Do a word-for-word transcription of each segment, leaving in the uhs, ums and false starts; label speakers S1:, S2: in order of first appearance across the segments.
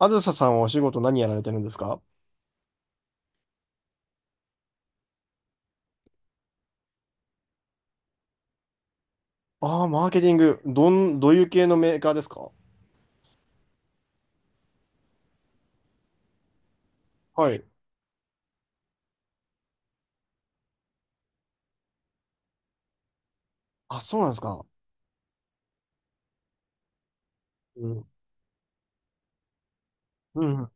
S1: あずささんはお仕事何やられてるんですか？ああー、マーケティング。どん、どういう系のメーカーですか？はい。あ、そうなんですか。うん。うんうん。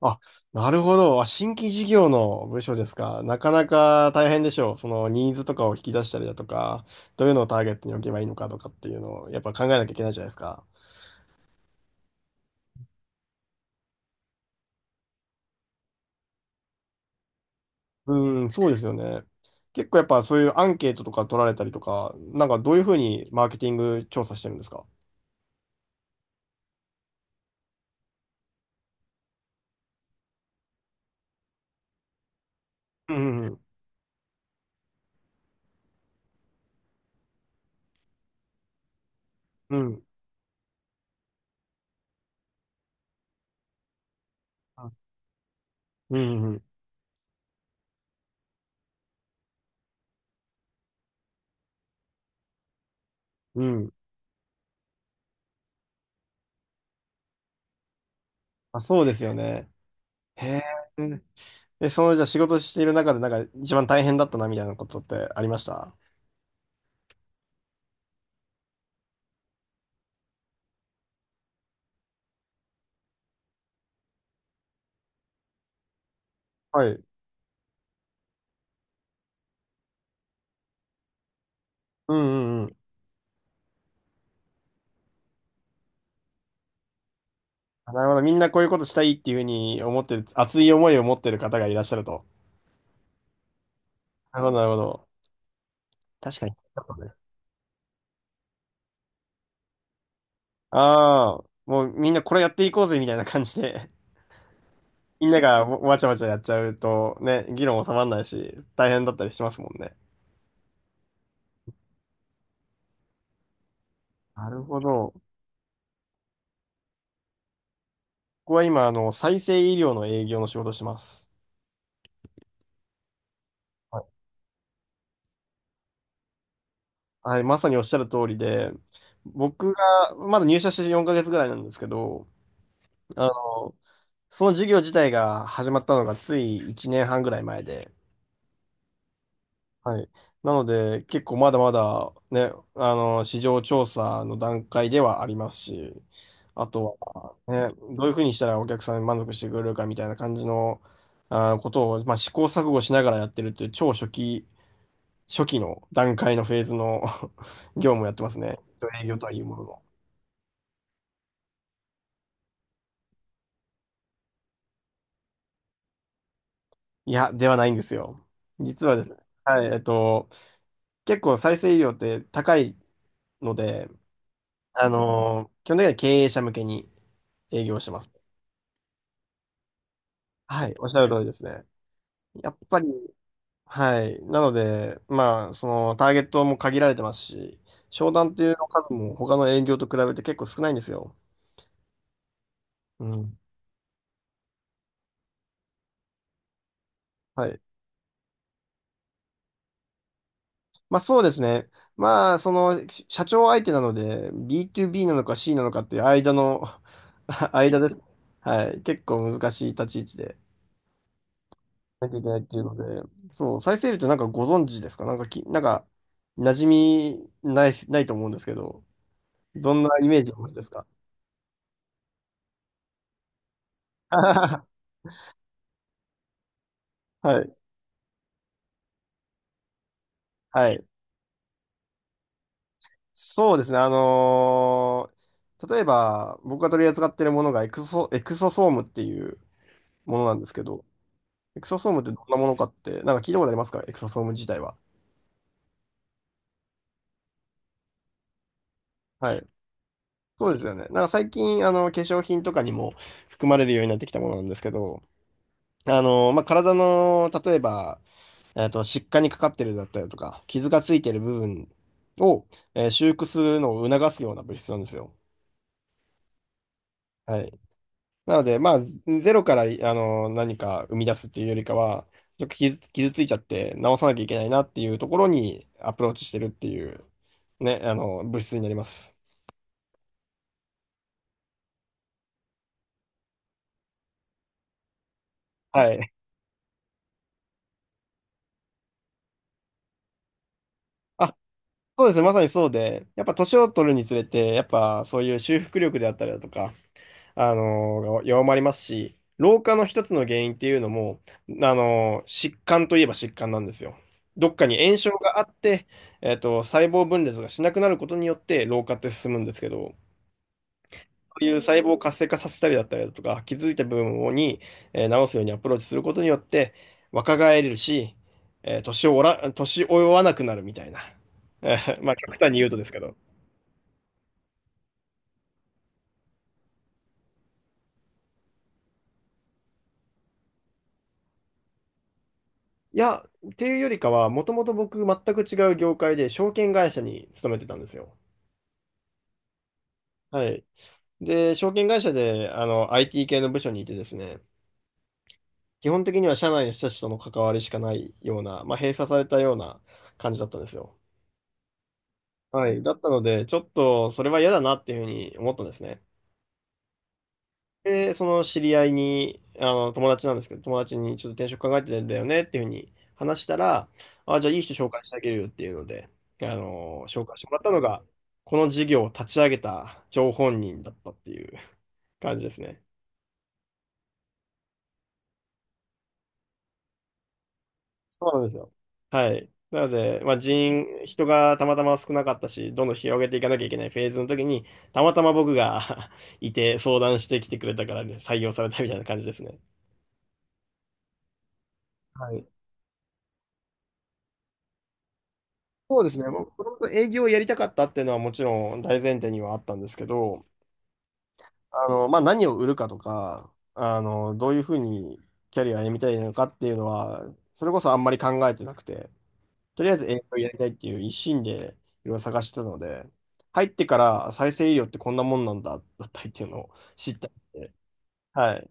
S1: あ、なるほど。あ、新規事業の部署ですか？なかなか大変でしょう。そのニーズとかを引き出したりだとか、どういうのをターゲットに置けばいいのかとかっていうのをやっぱ考えなきゃいけないじゃないですか。うん、そうですよね。結構やっぱそういうアンケートとか取られたりとか、なんかどういうふうにマーケティング調査してるんですか？うんうんうん。うん。うんうんうん。うん。あ、そうですよね。へえ。え、その、じゃあ仕事している中で、なんか一番大変だったな、みたいなことってありました？はい。うんうんうん。あ、なるほど。みんなこういうことしたいっていうふうに思ってる、熱い思いを持ってる方がいらっしゃると。なるほど、なるほど。確かに。ああ、もうみんなこれやっていこうぜ、みたいな感じで。みんながわわちゃわちゃやっちゃうと、ね、議論収まらないし、大変だったりしますもんね。なるほど。僕は今、あの、再生医療の営業の仕事をしてます。はい、まさにおっしゃる通りで、僕がまだ入社してよんかげつぐらいなんですけど、あの、その授業自体が始まったのがついいちねんはんぐらい前で、はい。なので、結構まだまだね、あの、市場調査の段階ではありますし、あとは、ね、どういうふうにしたらお客さんに満足してくれるかみたいな感じの、あ、ことを、まあ、試行錯誤しながらやってるっていう超初期、初期の段階のフェーズの 業務をやってますね。営業とはいうものの。いや、ではないんですよ。実はですね、はい、えっと、結構再生医療って高いので、あのー基本的には経営者向けに営業してます。はい、おっしゃる通りですね。やっぱり、はい、なので、まあ、そのターゲットも限られてますし、商談っていうの数も他の営業と比べて結構少ないんですよ。うん。はい。まあそうですね。まあ、その、し社長相手なので、ビーツービー なのか C なのかっていう間の 間で、はい、結構難しい立ち位置でなきゃいけないっていうので、そう、再生るとなんかご存知ですかなんかき、なんか、馴染みない、ないと思うんですけど、どんなイメージを持ちですか？ はい、はい。そうですね。あのー例えば、僕が取り扱っているものがエクソ、エクソソームっていうものなんですけど、エクソソームってどんなものかって、なんか聞いたことありますか？エクソソーム自体は。はい。そうですよね。なんか最近、あの、化粧品とかにも含まれるようになってきたものなんですけど、あの、まあ、体の、例えば、えっと、疾患にかかってるだったりとか、傷がついてる部分を、えー修復するのを促すような物質なんですよ。はい。なので、まあ、ゼゼロから、あの、何か生み出すっていうよりかは、ちょっと傷、傷ついちゃって直さなきゃいけないなっていうところにアプローチしてるっていう、ね、あの、物質になります。はい。あ、そうですね。まさにそうで、やっぱ年を取るにつれて、やっぱそういう修復力であったりだとか、あのー弱まりますし、老化の一つの原因っていうのも、あのー疾患といえば疾患なんですよ。どっかに炎症があって、えっと、細胞分裂がしなくなることによって老化って進むんですけど、そういう細胞を活性化させたりだったりだとか、気づいた部分をに、えー治すようにアプローチすることによって、若返れるし、えー年をおら、年追わなくなるみたいな。えーまあ、極端に言うとですけど。いや、っていうよりかは、もともと僕、全く違う業界で、証券会社に勤めてたんですよ。はい。で、証券会社で、あの、アイティー 系の部署にいてですね、基本的には社内の人たちとの関わりしかないような、まあ、閉鎖されたような感じだったんですよ。はい。だったので、ちょっとそれは嫌だなっていうふうに思ったんですね。で、その知り合いに、あの、友達なんですけど、友達にちょっと転職考えてるんだよねっていうふうに話したら、あ、じゃあいい人紹介してあげるよっていうので、あの、紹介してもらったのが、この事業を立ち上げた張本人だったっていう感じですね。そうなんですよ。はい。なので、まあ、人、人がたまたま少なかったし、どんどん広げていかなきゃいけないフェーズの時に、たまたま僕が いて相談してきてくれたからね、採用されたみたいな感じですね。はい。そうですね。もともと営業をやりたかったっていうのはもちろん大前提にはあったんですけど、あの、まあ、何を売るかとか、あの、どういうふうにキャリアを歩みたいのかっていうのは、それこそあんまり考えてなくて、とりあえず英語やりたいっていう一心でいろいろ探してたので、入ってから再生医療ってこんなもんなんだ、だったりっていうのを知ったりして。はい。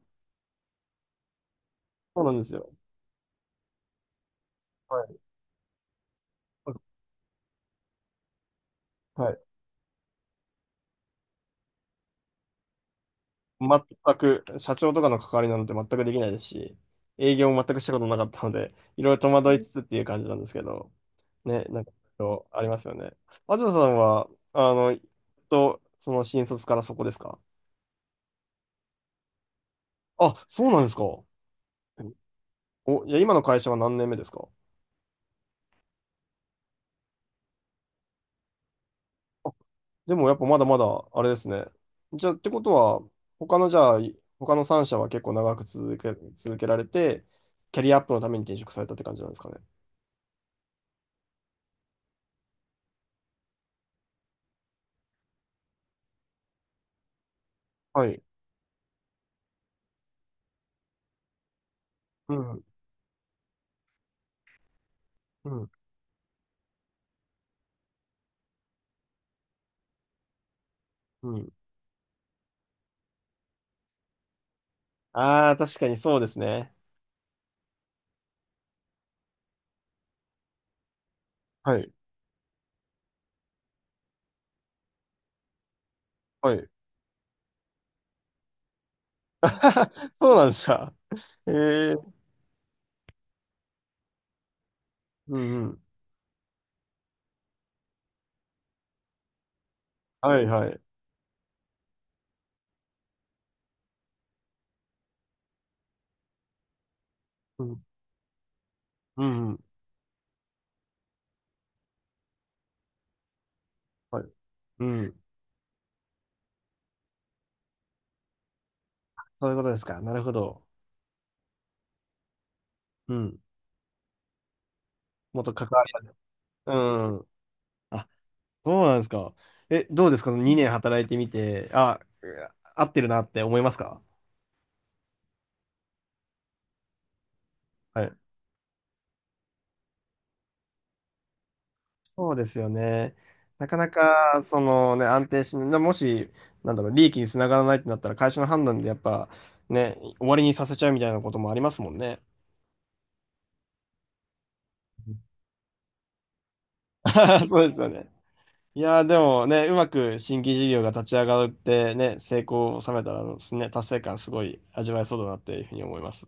S1: そうなんですよ。はい。はい。全く、社長とかの関わりなんて全くできないですし、営業も全くしたことなかったので、いろいろ戸惑いつつっていう感じなんですけど、ね、なんか、ありますよね。あずささんは、あの、と、その新卒からそこですか？あ、そうなんですか。お、いや、今の会社は何年目ですか？でもやっぱまだまだあれですね。じゃあってことは、他のじゃあ、他のさんしゃ社は結構長く続け、続けられて、キャリアアップのために転職されたって感じなんですかね。はい。うん、うん、うん。ああ、確かにそうですね。はい、はい。そうなんですか。ええうんうん。はい、はい。うん、うん、うん。はい。うん。そういうことですか。なるほど。うん。もっと関わり、うん。あ、そうなんですか。え、どうですか？ にねん 年働いてみて、あ、合ってるなって思いますか？はい。そうですよね。なかなか、そのね、安定しない、もし、なんだろう、利益につながらないってなったら、会社の判断でやっぱ、ね、終わりにさせちゃうみたいなこともありますもんね。そうですよね。いやー、でもね、うまく新規事業が立ち上がってね、成功を収めたらですね、達成感すごい味わえそうだなっていうふうに思います。